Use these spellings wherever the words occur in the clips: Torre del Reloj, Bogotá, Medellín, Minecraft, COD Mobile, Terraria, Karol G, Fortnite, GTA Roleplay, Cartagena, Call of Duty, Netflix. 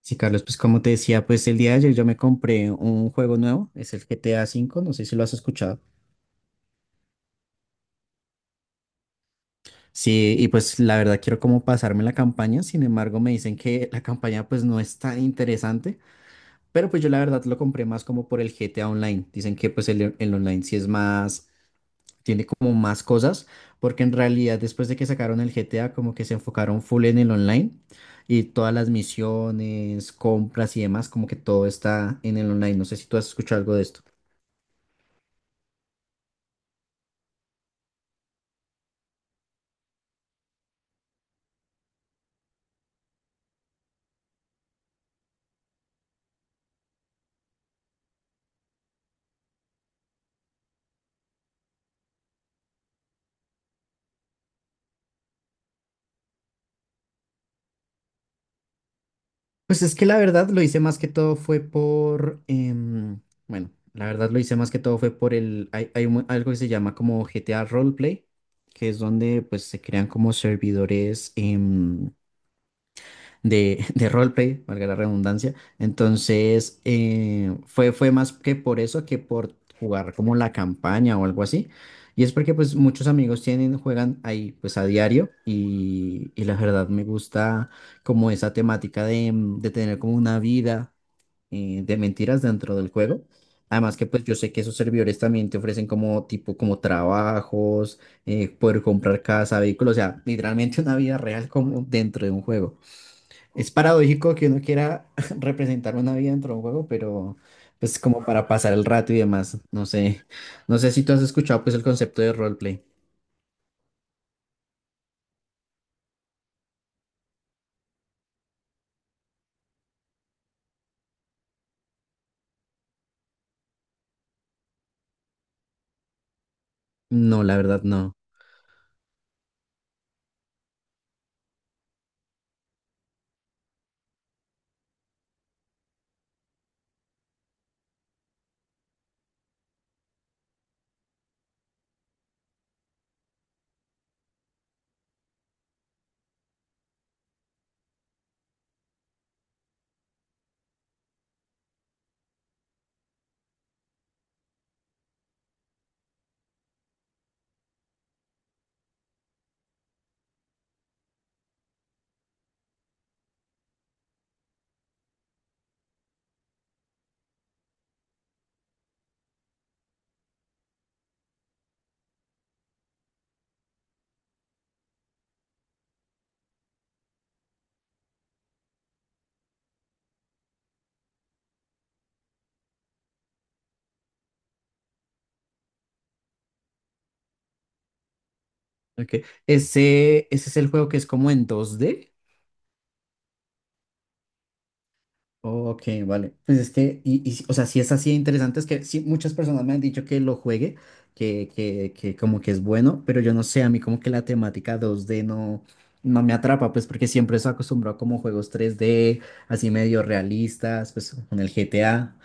Sí, Carlos, pues como te decía, pues el día de ayer yo me compré un juego nuevo, es el GTA cinco, no sé si lo has escuchado. Sí, y pues la verdad quiero como pasarme la campaña, sin embargo me dicen que la campaña pues no es tan interesante, pero pues yo la verdad lo compré más como por el GTA Online. Dicen que pues el online sí es más, tiene como más cosas, porque en realidad después de que sacaron el GTA como que se enfocaron full en el online y todas las misiones, compras y demás, como que todo está en el online. No sé si tú has escuchado algo de esto. Pues es que la verdad lo hice más que todo fue bueno, la verdad lo hice más que todo fue por el, algo que se llama como GTA Roleplay, que es donde pues se crean como servidores de, de roleplay, valga la redundancia. Entonces, fue más que por eso que por jugar como la campaña o algo así. Y es porque pues muchos amigos tienen, juegan ahí pues a diario y la verdad me gusta como esa temática de, de tener como una vida de mentiras dentro del juego. Además que pues yo sé que esos servidores también te ofrecen como tipo como trabajos, poder comprar casa, vehículo o sea, literalmente una vida real como dentro de un juego. Es paradójico que uno quiera representar una vida dentro de un juego, pero pues como para pasar el rato y demás. No sé, no sé si tú has escuchado pues el concepto de roleplay. No, la verdad no. Okay. Ese es el juego que es como en 2D. Ok, vale. Pues es que, si, o sea, sí es así de interesante, es que sí, muchas personas me han dicho que lo juegue, que como que es bueno, pero yo no sé, a mí como que la temática 2D no, no me atrapa, pues porque siempre estoy acostumbrado como a juegos 3D, así medio realistas, pues con el GTA,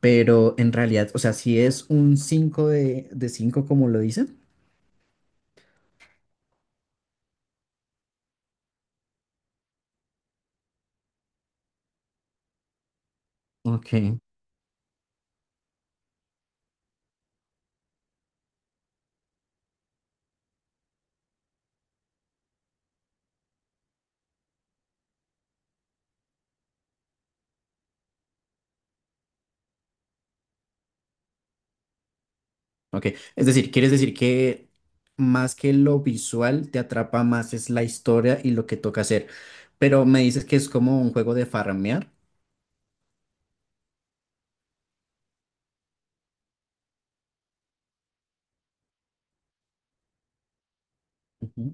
pero en realidad, o sea, sí es un 5 de 5 como lo dicen. Ok. Ok, es decir, ¿quieres decir que más que lo visual te atrapa más es la historia y lo que toca hacer? Pero me dices que es como un juego de farmear. Ujú,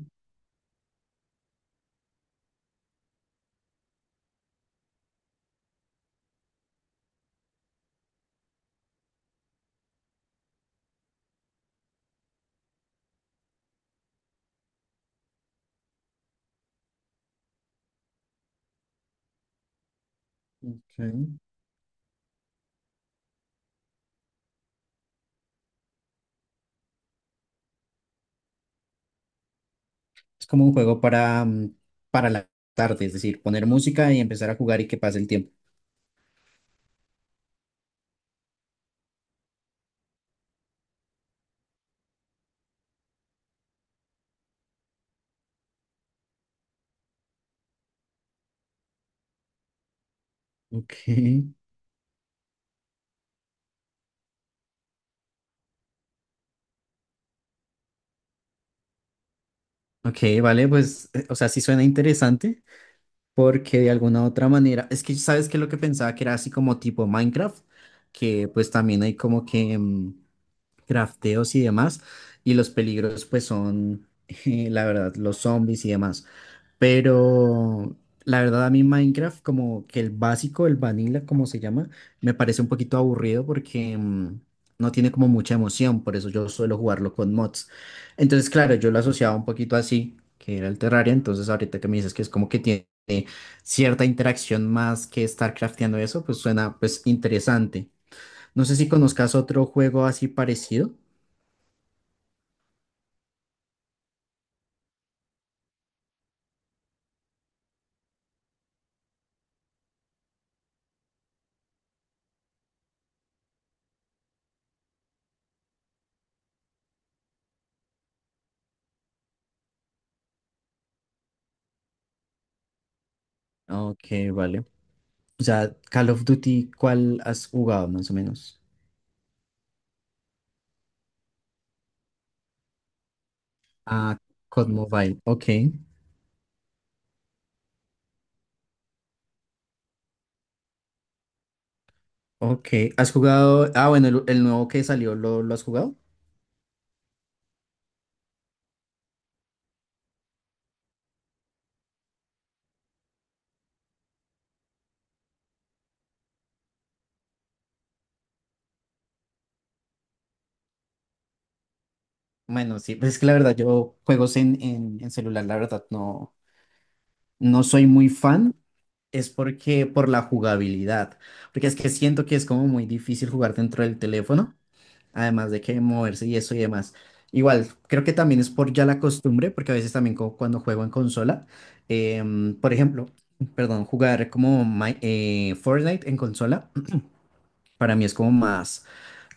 sí. Es como un juego para, para la tarde, es decir, poner música y empezar a jugar y que pase el tiempo. Ok. Ok, vale, pues, o sea, sí suena interesante porque de alguna u otra manera, es que sabes que lo que pensaba que era así como tipo Minecraft, que pues también hay como que crafteos y demás, y los peligros pues son, la verdad, los zombies y demás. Pero la verdad a mí Minecraft, como que el básico, el vanilla, como se llama, me parece un poquito aburrido porque no tiene como mucha emoción, por eso yo suelo jugarlo con mods. Entonces, claro, yo lo asociaba un poquito así, que era el Terraria, entonces ahorita que me dices que es como que tiene cierta interacción más que estar crafteando eso, pues suena pues interesante. No sé si conozcas otro juego así parecido. Ok, vale. O sea, Call of Duty, ¿cuál has jugado más o menos? Ah, COD Mobile. Ok, ok. ¿Has jugado? Ah, bueno, el nuevo que salió, ¿lo has jugado? Bueno, sí, pues es que la verdad, yo juegos en celular, la verdad, no, no soy muy fan. Es porque por la jugabilidad. Porque es que siento que es como muy difícil jugar dentro del teléfono, además de que moverse y eso y demás. Igual, creo que también es por ya la costumbre, porque a veces también cuando juego en consola, por ejemplo, perdón, jugar como Fortnite en consola, para mí es como más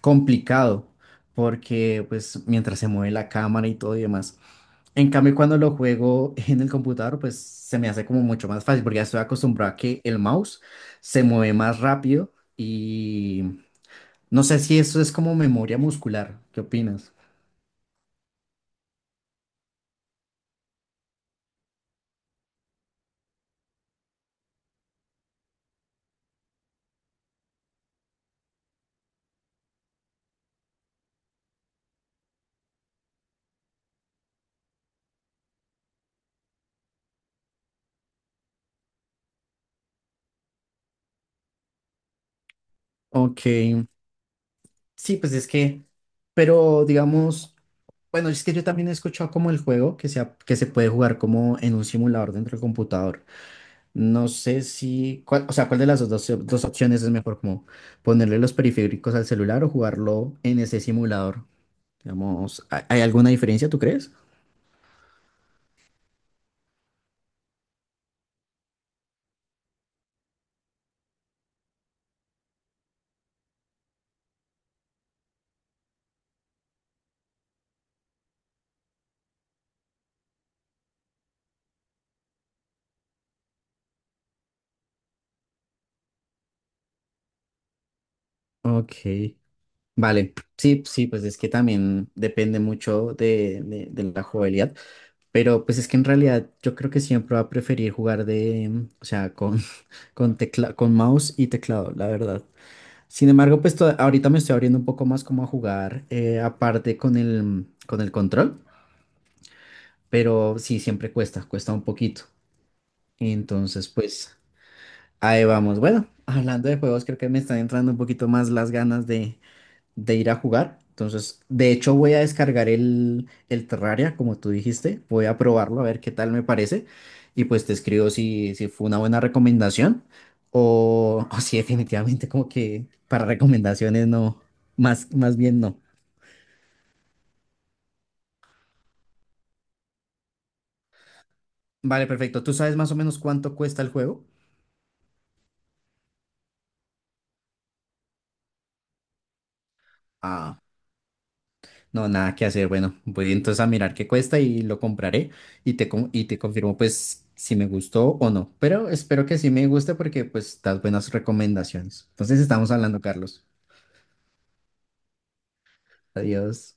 complicado, porque pues mientras se mueve la cámara y todo y demás. En cambio, cuando lo juego en el computador, pues se me hace como mucho más fácil, porque ya estoy acostumbrado a que el mouse se mueve más rápido y no sé si eso es como memoria muscular. ¿Qué opinas? Ok, sí, pues es que, pero digamos, bueno, es que yo también he escuchado como el juego que se puede jugar como en un simulador dentro del computador. No sé si, cuál, o sea, cuál de las dos opciones es mejor, como ponerle los periféricos al celular o jugarlo en ese simulador. Digamos, ¿hay alguna diferencia, tú crees? Ok, vale, sí, sí, pues es que también depende mucho de la jugabilidad, pero pues es que en realidad yo creo que siempre va a preferir jugar de, o sea, con, con mouse y teclado, la verdad. Sin embargo, ahorita me estoy abriendo un poco más como a jugar, aparte con el control, pero sí, siempre cuesta, cuesta un poquito. Entonces, pues ahí vamos. Bueno, hablando de juegos, creo que me están entrando un poquito más las ganas de ir a jugar. Entonces, de hecho, voy a descargar el Terraria, como tú dijiste. Voy a probarlo a ver qué tal me parece. Y pues te escribo si, si fue una buena recomendación o si definitivamente como que para recomendaciones no, más bien no. Vale, perfecto. ¿Tú sabes más o menos cuánto cuesta el juego? Ah. No, nada que hacer. Bueno, voy entonces a mirar qué cuesta y lo compraré y te confirmo pues si me gustó o no. Pero espero que sí me guste porque pues das buenas recomendaciones. Entonces estamos hablando, Carlos. Adiós.